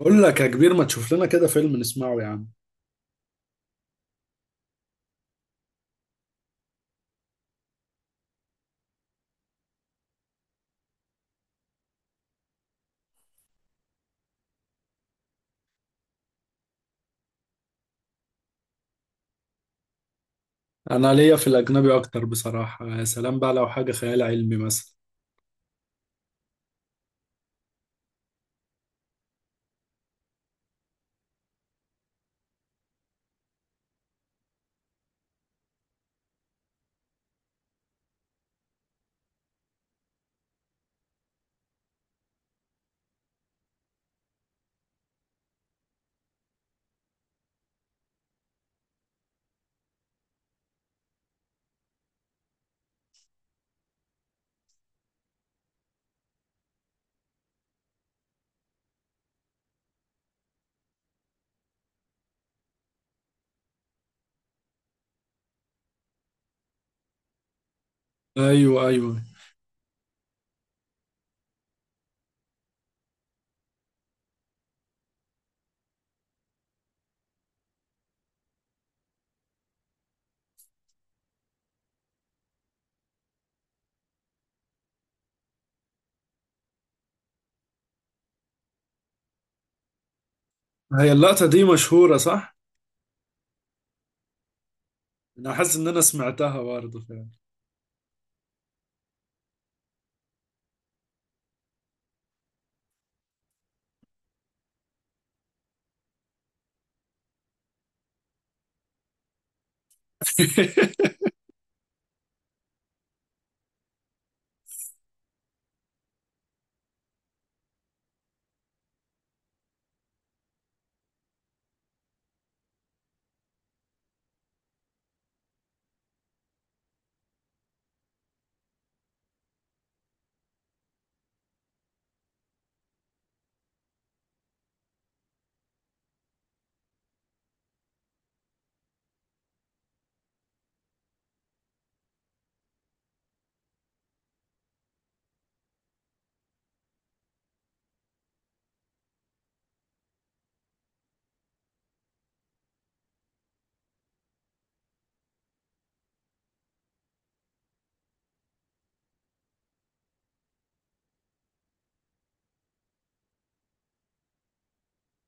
بقول لك يا كبير، ما تشوف لنا كده فيلم نسمعه يا عم. انا ليا في الاجنبي اكتر بصراحة، يا سلام بقى لو حاجة خيال علمي مثلا. ايوه ايوه، هي اللقطة دي مشهورة صح. انا حاسس ان انا سمعتها برضه فعلا.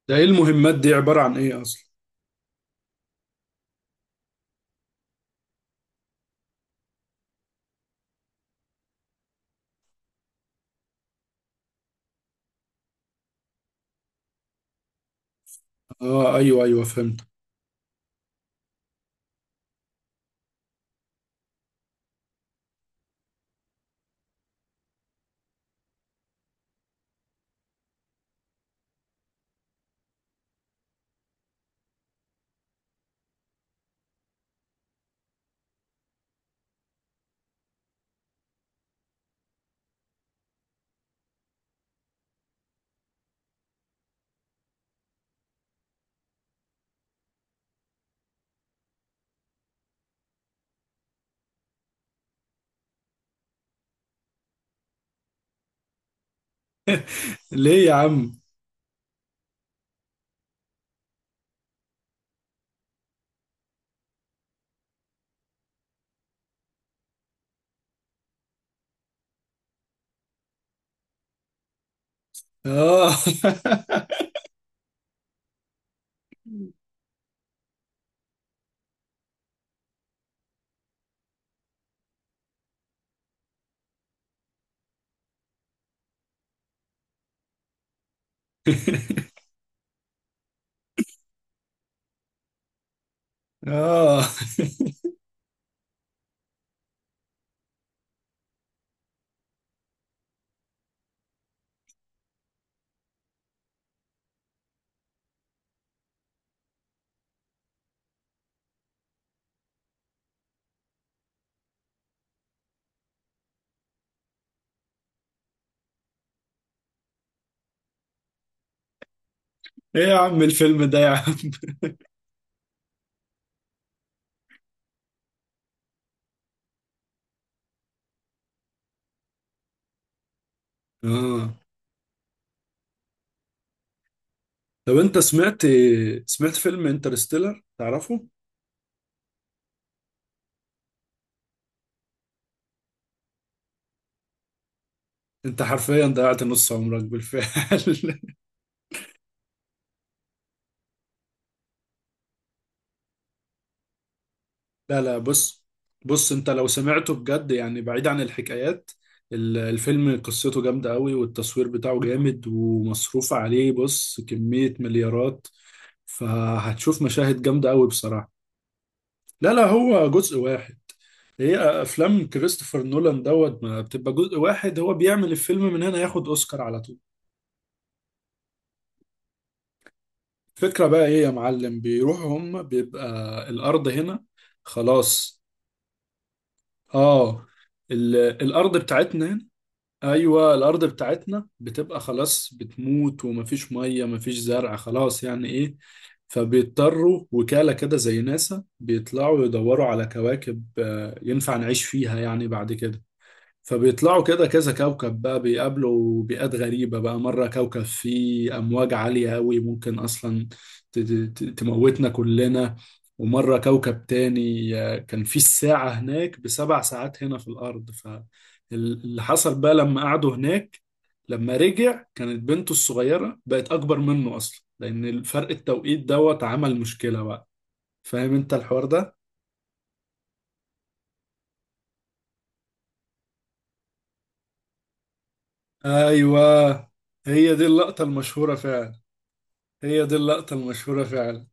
ده ايه المهمات دي عبارة عن ايه اصلا؟ اه ايوه ايوه، فهمت. ليه يا عم؟ اه. اه، ايه يا عم الفيلم ده يا عم؟ اه، طب انت سمعت، سمعت فيلم انترستيلر تعرفه؟ انت حرفيا ضيعت نص عمرك بالفعل. لا لا، بص، بص انت لو سمعته بجد يعني بعيد عن الحكايات، الفيلم قصته جامدة قوي والتصوير بتاعه جامد ومصروف عليه، بص كمية مليارات. فهتشوف مشاهد جامدة قوي بصراحة. لا لا، هو جزء واحد. هي افلام كريستوفر نولان دوت ما بتبقى جزء واحد، هو بيعمل الفيلم من هنا ياخد اوسكار على طول. الفكرة بقى ايه يا معلم؟ بيروحوا هم، بيبقى الارض هنا خلاص. اه، ال... الارض بتاعتنا. ايوه، الارض بتاعتنا بتبقى خلاص، بتموت، ومفيش ميه مفيش زرع، خلاص يعني ايه. فبيضطروا وكالة كده زي ناسا بيطلعوا يدوروا على كواكب ينفع نعيش فيها يعني بعد كده. فبيطلعوا كده كذا كوكب بقى، بيقابلوا بيئات غريبة بقى. مرة كوكب فيه أمواج عالية أوي ممكن أصلا تموتنا كلنا. ومرة كوكب تاني كان فيه الساعة هناك بسبع ساعات هنا في الأرض. فاللي حصل بقى لما قعدوا هناك، لما رجع كانت بنته الصغيرة بقت أكبر منه أصلا، لأن الفرق التوقيت دوت عمل مشكلة بقى. فاهم أنت الحوار ده؟ أيوه، هي دي اللقطة المشهورة فعلا. هي دي اللقطة المشهورة فعلا.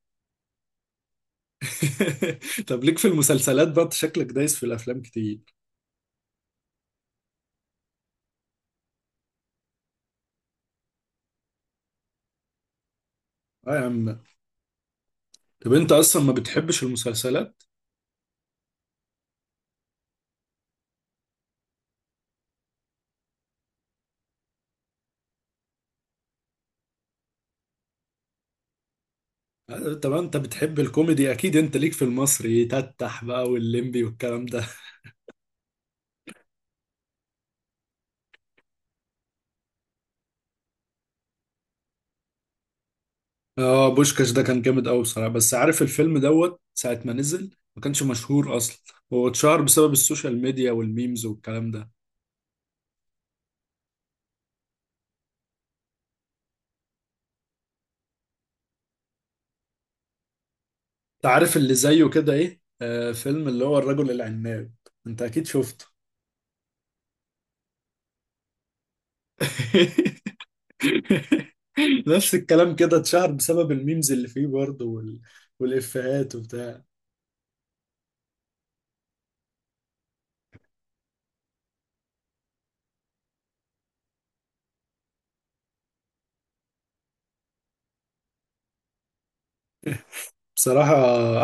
طب ليك في المسلسلات بقى؟ أنت شكلك دايس في الأفلام كتير. اه يا عم. طب أنت أصلا ما بتحبش المسلسلات؟ طب أنت بتحب الكوميدي أكيد، أنت ليك في المصري يتتح بقى، واللمبي والكلام ده. اه، بوشكاش ده كان جامد أوي بصراحة، بس عارف الفيلم دوت ساعة ما نزل ما كانش مشهور أصلا. هو اتشهر بسبب السوشيال ميديا والميمز والكلام ده. أنت عارف اللي زيه كده إيه؟ آه، فيلم اللي هو الرجل العناب. أنت أكيد شفته. نفس الكلام، كده اتشهر بسبب الميمز اللي فيه برضه والإفيهات وبتاع. بصراحة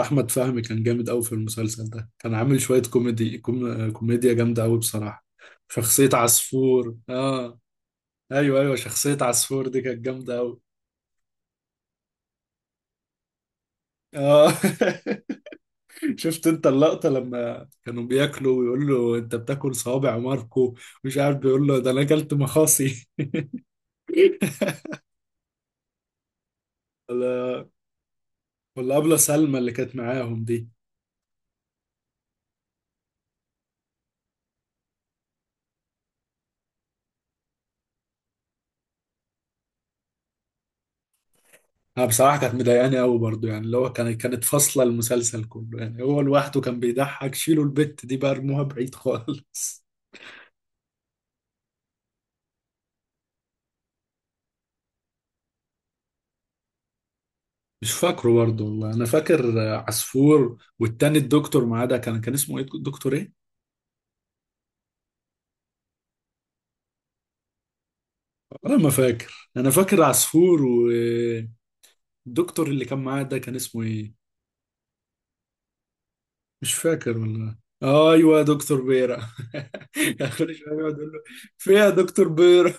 أحمد فهمي كان جامد أوي في المسلسل ده، كان عامل شوية كوميدي كوميديا جامدة أوي بصراحة. شخصية عصفور آه. أيوه أيوه، شخصية عصفور دي كانت جامدة أوي. آه. شفت أنت اللقطة لما كانوا بياكلوا ويقول له أنت بتاكل صوابع ماركو؟ مش عارف بيقول له ده أنا أكلت مخاصي. ولا. ولا أبلة سلمى اللي كانت معاهم دي. أنا بصراحة كانت مضايقاني أوي برضه، يعني اللي هو كانت فاصلة المسلسل كله، يعني هو لوحده كان بيضحك. شيلوا البت دي بقى، ارموها بعيد خالص. مش فاكره برضه والله. أنا فاكر عصفور، والتاني الدكتور معاه ده كان كان اسمه إيه؟ دكتور إيه؟ أنا ما فاكر، أنا فاكر عصفور، والدكتور اللي كان معاه ده كان اسمه إيه؟ مش فاكر والله. أيوه يا دكتور بيرة. كان كل شوية يقعد يقول له فين يا دكتور بيرة.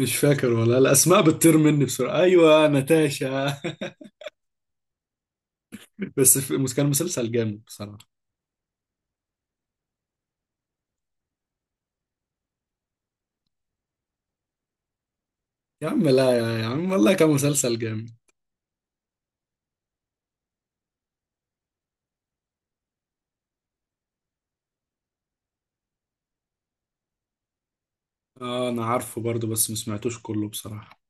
مش فاكر والله، الأسماء بتطير مني بسرعة. أيوه ناتاشا. بس كان مسلسل جامد بصراحة. يا عم لا، يا عم والله كان مسلسل جامد. اه انا عارفه برضو، بس ما سمعتوش كله بصراحة.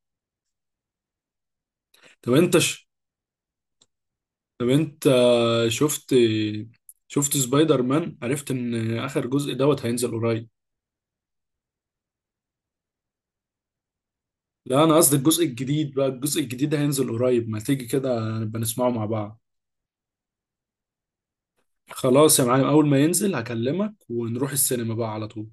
طب انت ش... طب انت شفت، شفت سبايدر مان؟ عرفت ان اخر جزء دوت هينزل قريب. لا انا قصدي الجزء الجديد بقى، الجزء الجديد هينزل قريب، ما تيجي كده نبقى نسمعه مع بعض. خلاص يا معلم، اول ما ينزل هكلمك ونروح السينما بقى على طول.